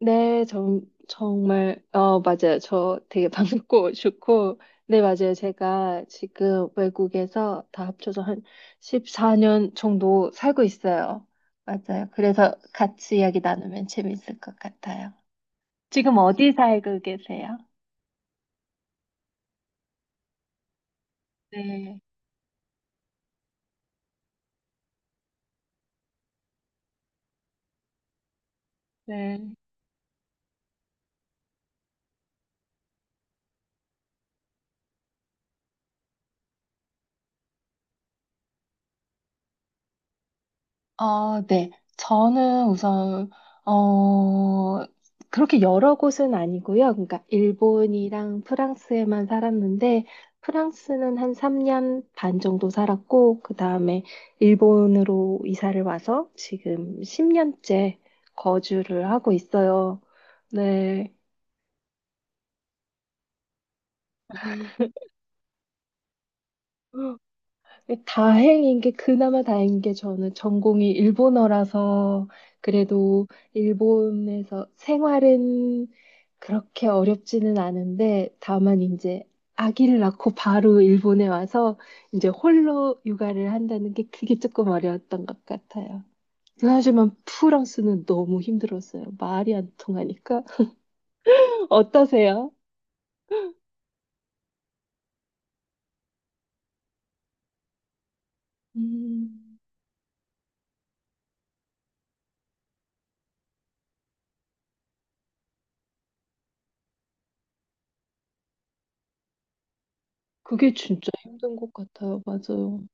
네, 정말, 맞아요. 저 되게 반갑고 좋고. 네, 맞아요. 제가 지금 외국에서 다 합쳐서 한 14년 정도 살고 있어요. 맞아요. 그래서 같이 이야기 나누면 재밌을 것 같아요. 지금 어디 살고 계세요? 네, 네. 어, 네. 저는 우선, 어, 그렇게 여러 곳은 아니고요. 그러니까 일본이랑 프랑스에만 살았는데, 프랑스는 한 3년 반 정도 살았고, 그 다음에 일본으로 이사를 와서 지금 10년째 거주를 하고 있어요. 네. 다행인 게, 그나마 다행인 게 저는 전공이 일본어라서 그래도 일본에서 생활은 그렇게 어렵지는 않은데, 다만 이제 아기를 낳고 바로 일본에 와서 이제 홀로 육아를 한다는 게, 그게 조금 어려웠던 것 같아요. 하지만 프랑스는 너무 힘들었어요. 말이 안 통하니까. 어떠세요? 음, 그게 진짜 힘든 것 같아요. 맞아요.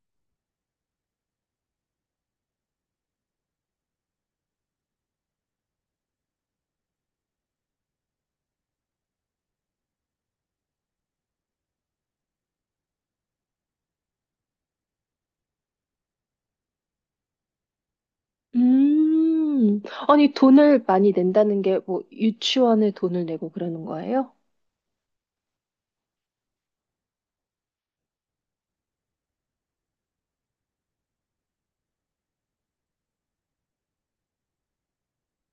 음, 아니, 돈을 많이 낸다는 게 뭐 유치원에 돈을 내고 그러는 거예요?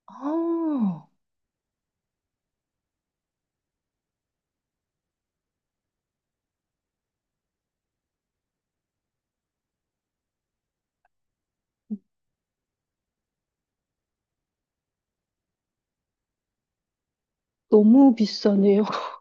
아, 너무 비싸네요.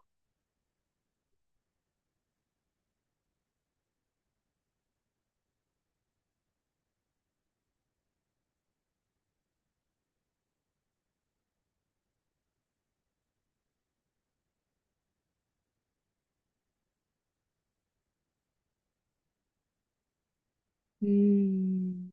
음,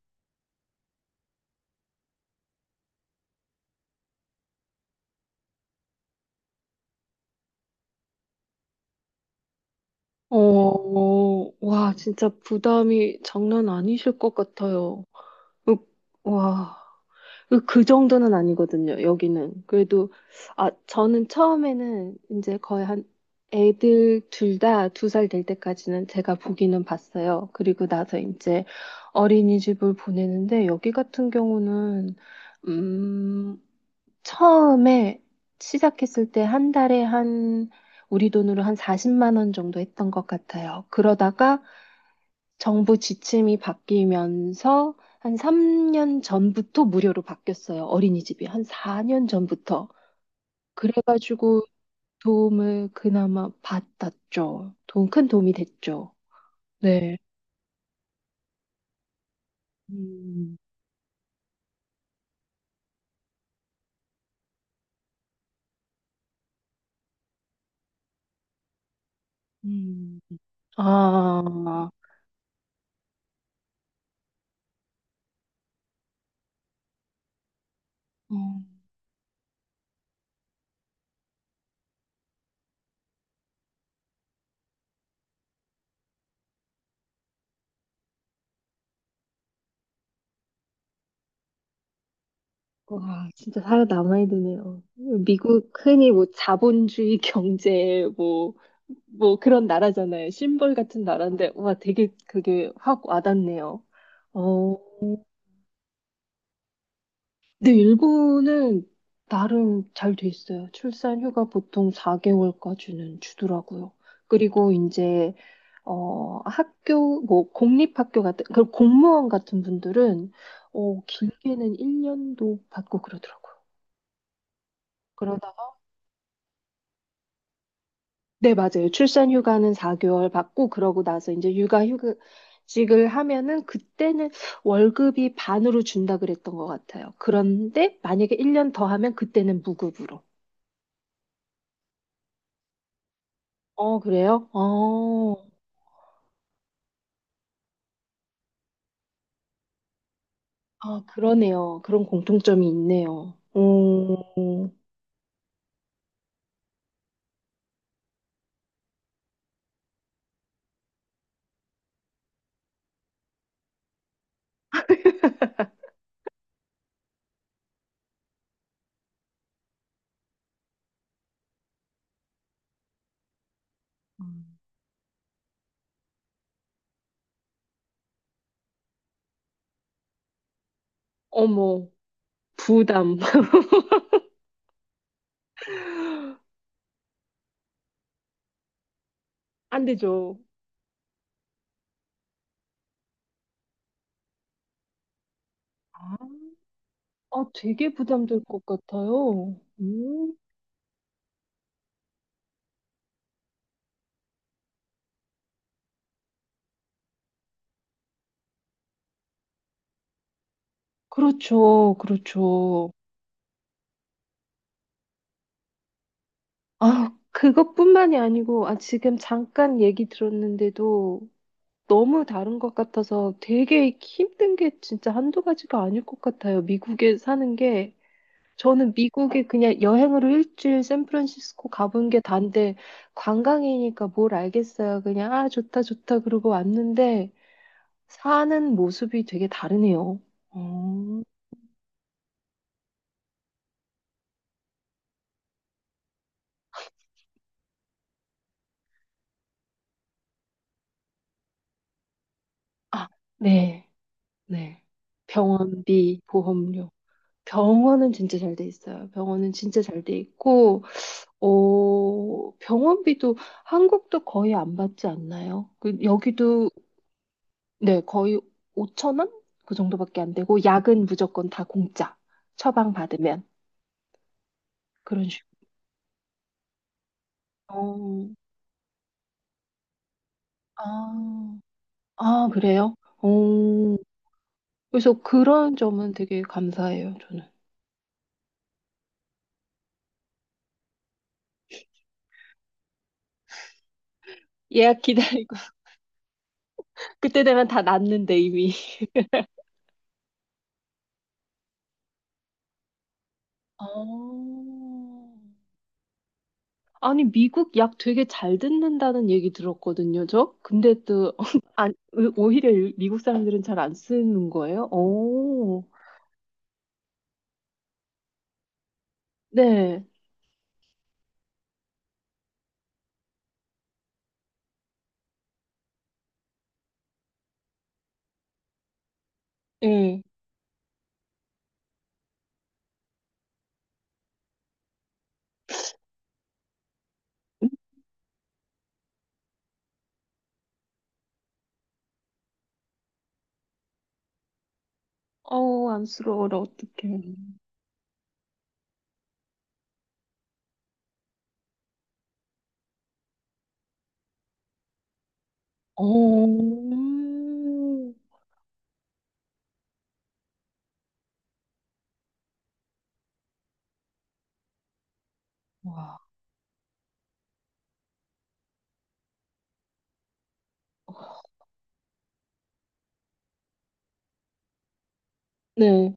와, 진짜 부담이 장난 아니실 것 같아요. 으, 와. 그, 그 정도는 아니거든요, 여기는. 그래도, 아, 저는 처음에는 이제 거의 한, 애들 둘 다 두 살 될 때까지는 제가 보기는 봤어요. 그리고 나서 이제 어린이집을 보내는데, 여기 같은 경우는, 음, 처음에 시작했을 때 한 달에 한, 우리 돈으로 한 40만 원 정도 했던 것 같아요. 그러다가 정부 지침이 바뀌면서 한 3년 전부터 무료로 바뀌었어요. 어린이집이 한 4년 전부터. 그래가지고 도움을 그나마 받았죠. 돈, 큰 도움이 됐죠. 네. 음, 음. 아, 음, 와, 진짜 살아남아야 되네요. 미국 흔히 뭐 자본주의 경제 뭐 그런 나라잖아요. 심벌 같은 나라인데, 와, 되게 그게 확 와닿네요. 어, 네, 일본은 나름 잘 돼 있어요. 출산 휴가 보통 4개월까지는 주더라고요. 그리고 이제 학교 뭐 공립학교 같은, 그 공무원 같은 분들은 길게는 1년도 받고 그러더라고요. 그러다가, 네, 맞아요. 출산 휴가는 4개월 받고, 그러고 나서 이제 육아 휴직을 하면은, 그때는 월급이 반으로 준다 그랬던 것 같아요. 그런데 만약에 1년 더 하면 그때는 무급으로. 어, 그래요? 아, 그러네요. 그런 공통점이 있네요. 음. 어머, 부담. 안 되죠. 아, 아, 되게 부담될 것 같아요. 그렇죠, 그렇죠. 아, 그것뿐만이 아니고, 지금 잠깐 얘기 들었는데도 너무 다른 것 같아서, 되게 힘든 게 진짜 한두 가지가 아닐 것 같아요. 미국에 사는 게. 저는 미국에 그냥 여행으로 일주일 샌프란시스코 가본 게 단데, 관광이니까 뭘 알겠어요. 그냥 아 좋다 좋다 그러고 왔는데, 사는 모습이 되게 다르네요. 어. 아, 네. 네. 병원비, 보험료. 병원은 진짜 잘 돼 있어요. 병원은 진짜 잘 돼 있고, 병원비도 한국도 거의 안 받지 않나요? 그 여기도 네, 거의 5천 원? 그 정도밖에 안 되고, 약은 무조건 다 공짜. 처방 받으면 그런 식으로. 어, 아, 그래요? 그래서 그런 점은 되게 감사해요, 저는. 예약 기다리고 그때 되면 다 났는데 이미. 어. 아니, 미국 약 되게 잘 듣는다는 얘기 들었거든요, 저. 근데 또 안, 오히려 미국 사람들은 잘 안 쓰는 거예요? 오. 네. 예. 어우, 안쓰러워라, 어떡해. 어, 와, 네,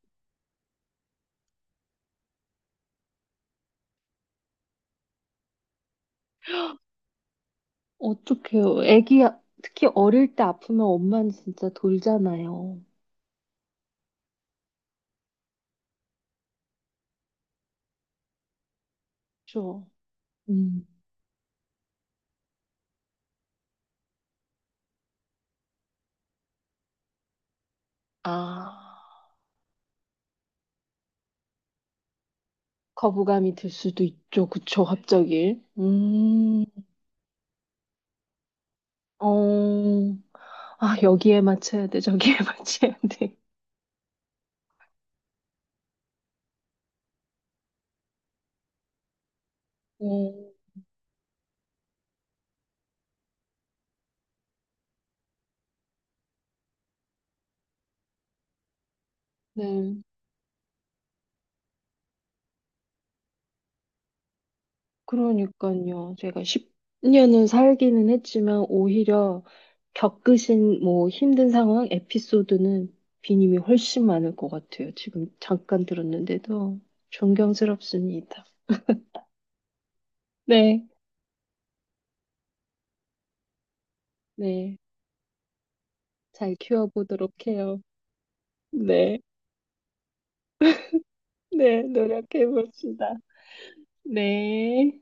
어떡해요. 애기, 특히 어릴 때 아프면 엄마는 진짜 돌잖아요. 그쵸? 음, 아, 거부감이 들 수도 있죠. 그쵸, 갑자기. 어, 여기에 맞춰야 돼, 저기에 맞춰야 돼. 어, 네. 그러니까요. 제가 10년은 살기는 했지만, 오히려 겪으신 뭐 힘든 상황, 에피소드는 비님이 훨씬 많을 것 같아요. 지금 잠깐 들었는데도 존경스럽습니다. 네, 네. 잘 키워보도록 해요. 네, 네, 노력해봅시다. 네.